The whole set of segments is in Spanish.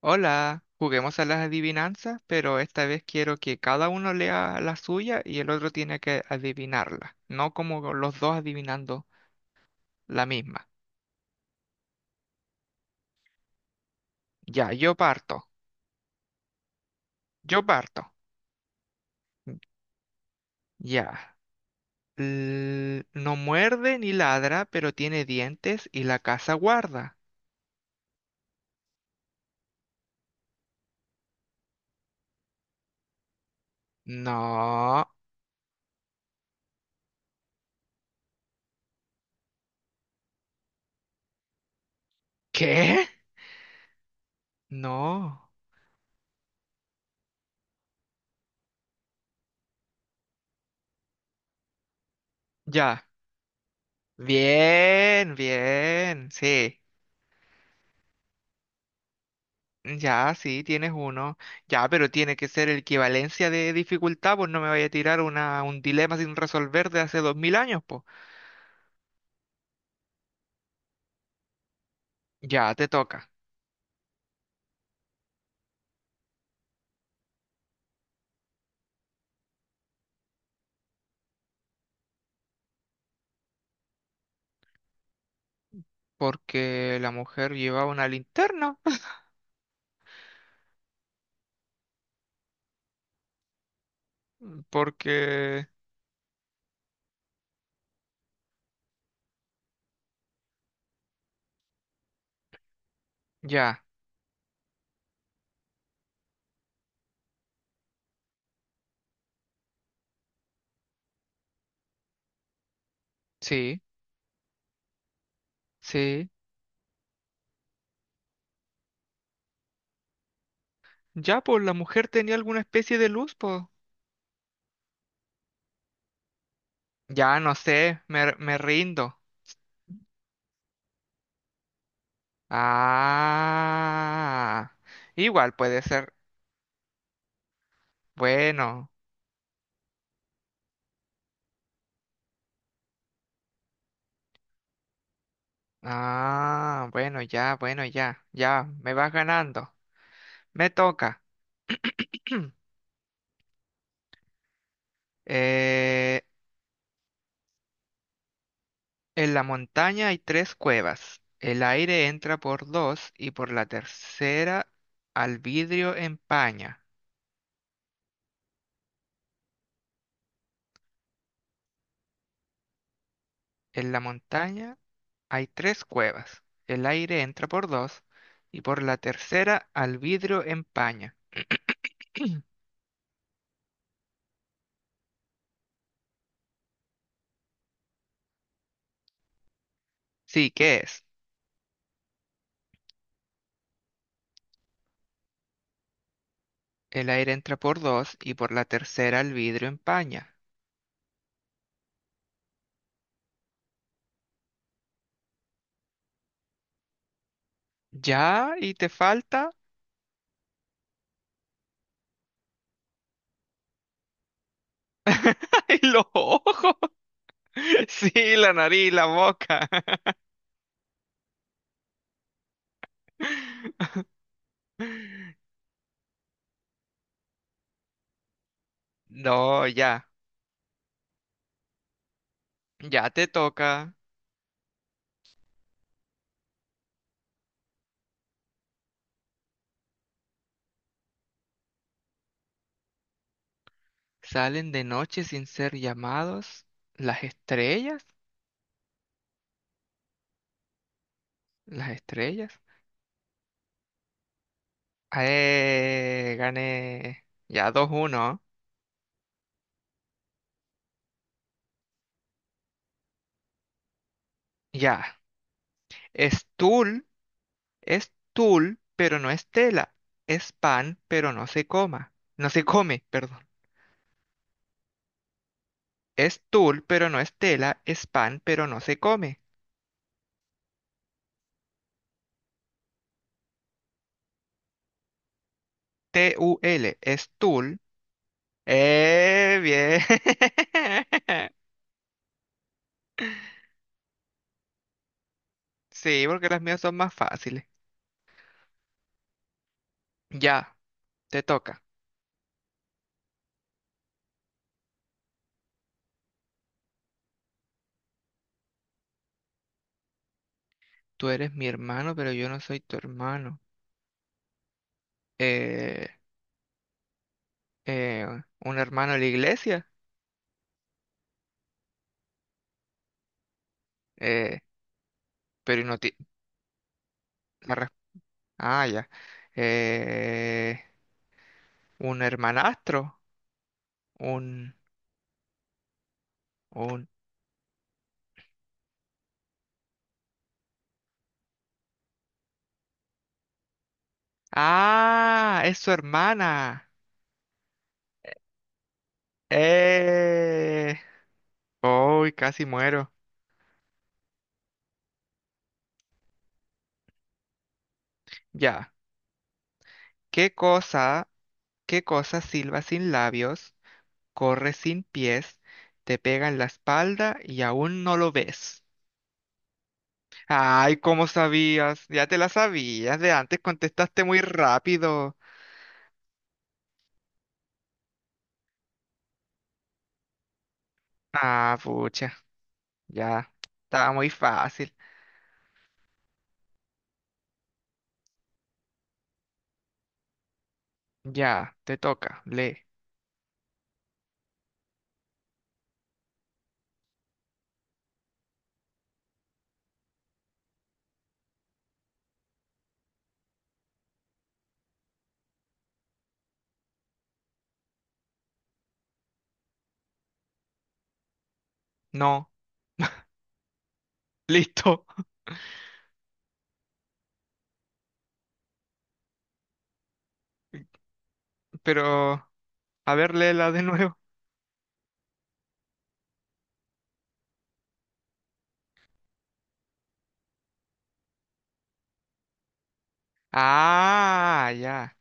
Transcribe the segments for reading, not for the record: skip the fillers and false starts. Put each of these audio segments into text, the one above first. Hola, juguemos a las adivinanzas, pero esta vez quiero que cada uno lea la suya y el otro tiene que adivinarla, no como los dos adivinando la misma. Ya, yo parto, yo parto. Ya. L- no muerde ni ladra, pero tiene dientes y la casa guarda. No. ¿Qué? No. Ya. Bien, bien. Sí. Ya, sí, tienes uno. Ya, pero tiene que ser equivalencia de dificultad, pues no me vaya a tirar un dilema sin resolver de hace 2000 años, pues. Ya, te toca. Porque la mujer llevaba una linterna. Porque... Ya, sí, sí. Ya, pues la mujer tenía alguna especie de luz, pues. Ya, no sé, me rindo. Ah, igual puede ser. Bueno. Ah, bueno, ya, bueno, ya, ya, me vas ganando. Me toca. Eh, en la montaña hay tres cuevas. El aire entra por dos y por la tercera al vidrio empaña. En la montaña hay tres cuevas. El aire entra por dos y por la tercera al vidrio empaña. Sí, ¿qué es? El aire entra por dos y por la tercera al vidrio empaña. ¿Ya? ¿Y te falta? Y los ojos. Sí, la nariz, la boca. No, ya. Ya te toca. Salen de noche sin ser llamados. Las estrellas. Las estrellas. Gané. Ya 2-1. Ya. Es tul. Es tul, pero no es tela. Es pan, pero no se coma. No se come, perdón. Es tul, pero no es tela. Es pan, pero no se come. T-U-L, es Tul. ¡Eh, bien! Sí, porque las mías son más fáciles. Ya, te toca. Tú eres mi hermano, pero yo no soy tu hermano. Eh, eh, un hermano de la iglesia. Eh, pero no ti- la res- Ah, ya. Eh, un hermanastro. Un, un. Ah, es su hermana. Eh. Uy, casi muero. Ya. ¿Qué cosa? ¿Qué cosa silba sin labios, corre sin pies, te pega en la espalda y aún no lo ves? Ay, ¿cómo sabías? Ya te la sabías, de antes contestaste muy rápido. Ah, pucha, ya, estaba muy fácil. Ya, te toca, lee. No, listo, pero a ver, léela de nuevo. Ah, ya,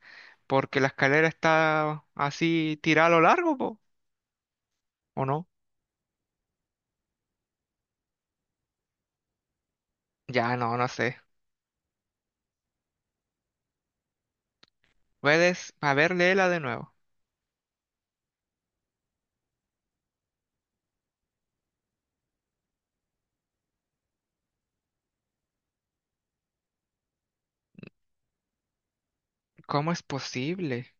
porque la escalera está así tirada a lo largo, po, ¿o no? Ya, no, no sé. Puedes, a ver, léela de nuevo. ¿Cómo es posible?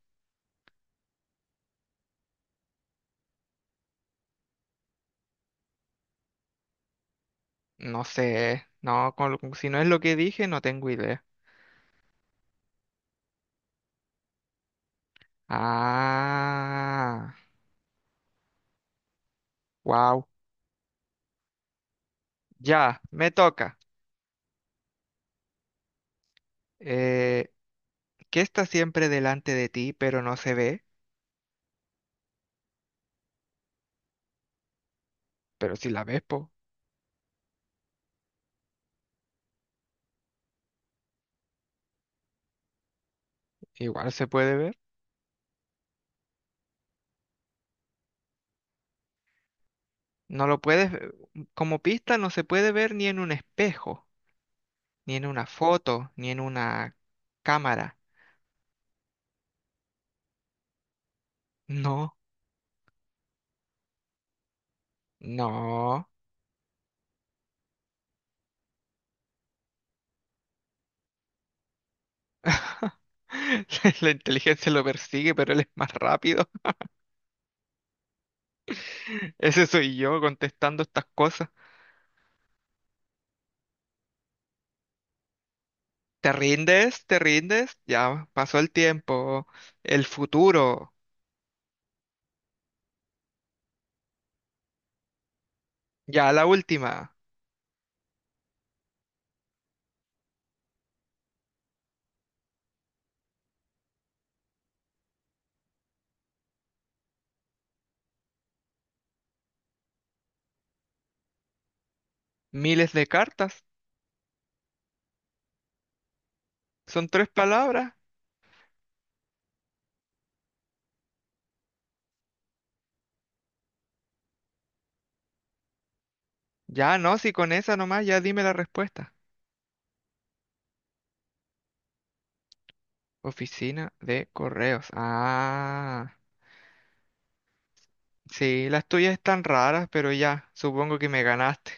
No sé. No, con si no es lo que dije, no tengo idea. Ah, wow. Ya, me toca. Eh, ¿Qué está siempre delante de ti, pero no se ve? Pero si la ves, po, igual se puede ver. No lo puedes, ve- como pista, no se puede ver ni en un espejo, ni en una foto, ni en una cámara. No, no. La inteligencia lo persigue, pero él es más rápido. Ese soy yo contestando estas cosas. ¿Te rindes? ¿Te rindes? Ya pasó el tiempo, el futuro, ya la última. Miles de cartas, son tres palabras. Ya no, si con esa nomás, ya dime la respuesta. Oficina de correos. Ah, sí, las tuyas están raras, pero ya, supongo que me ganaste.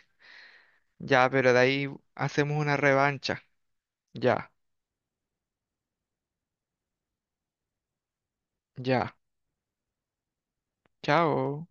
Ya, pero de ahí hacemos una revancha. Ya, ya. Chao.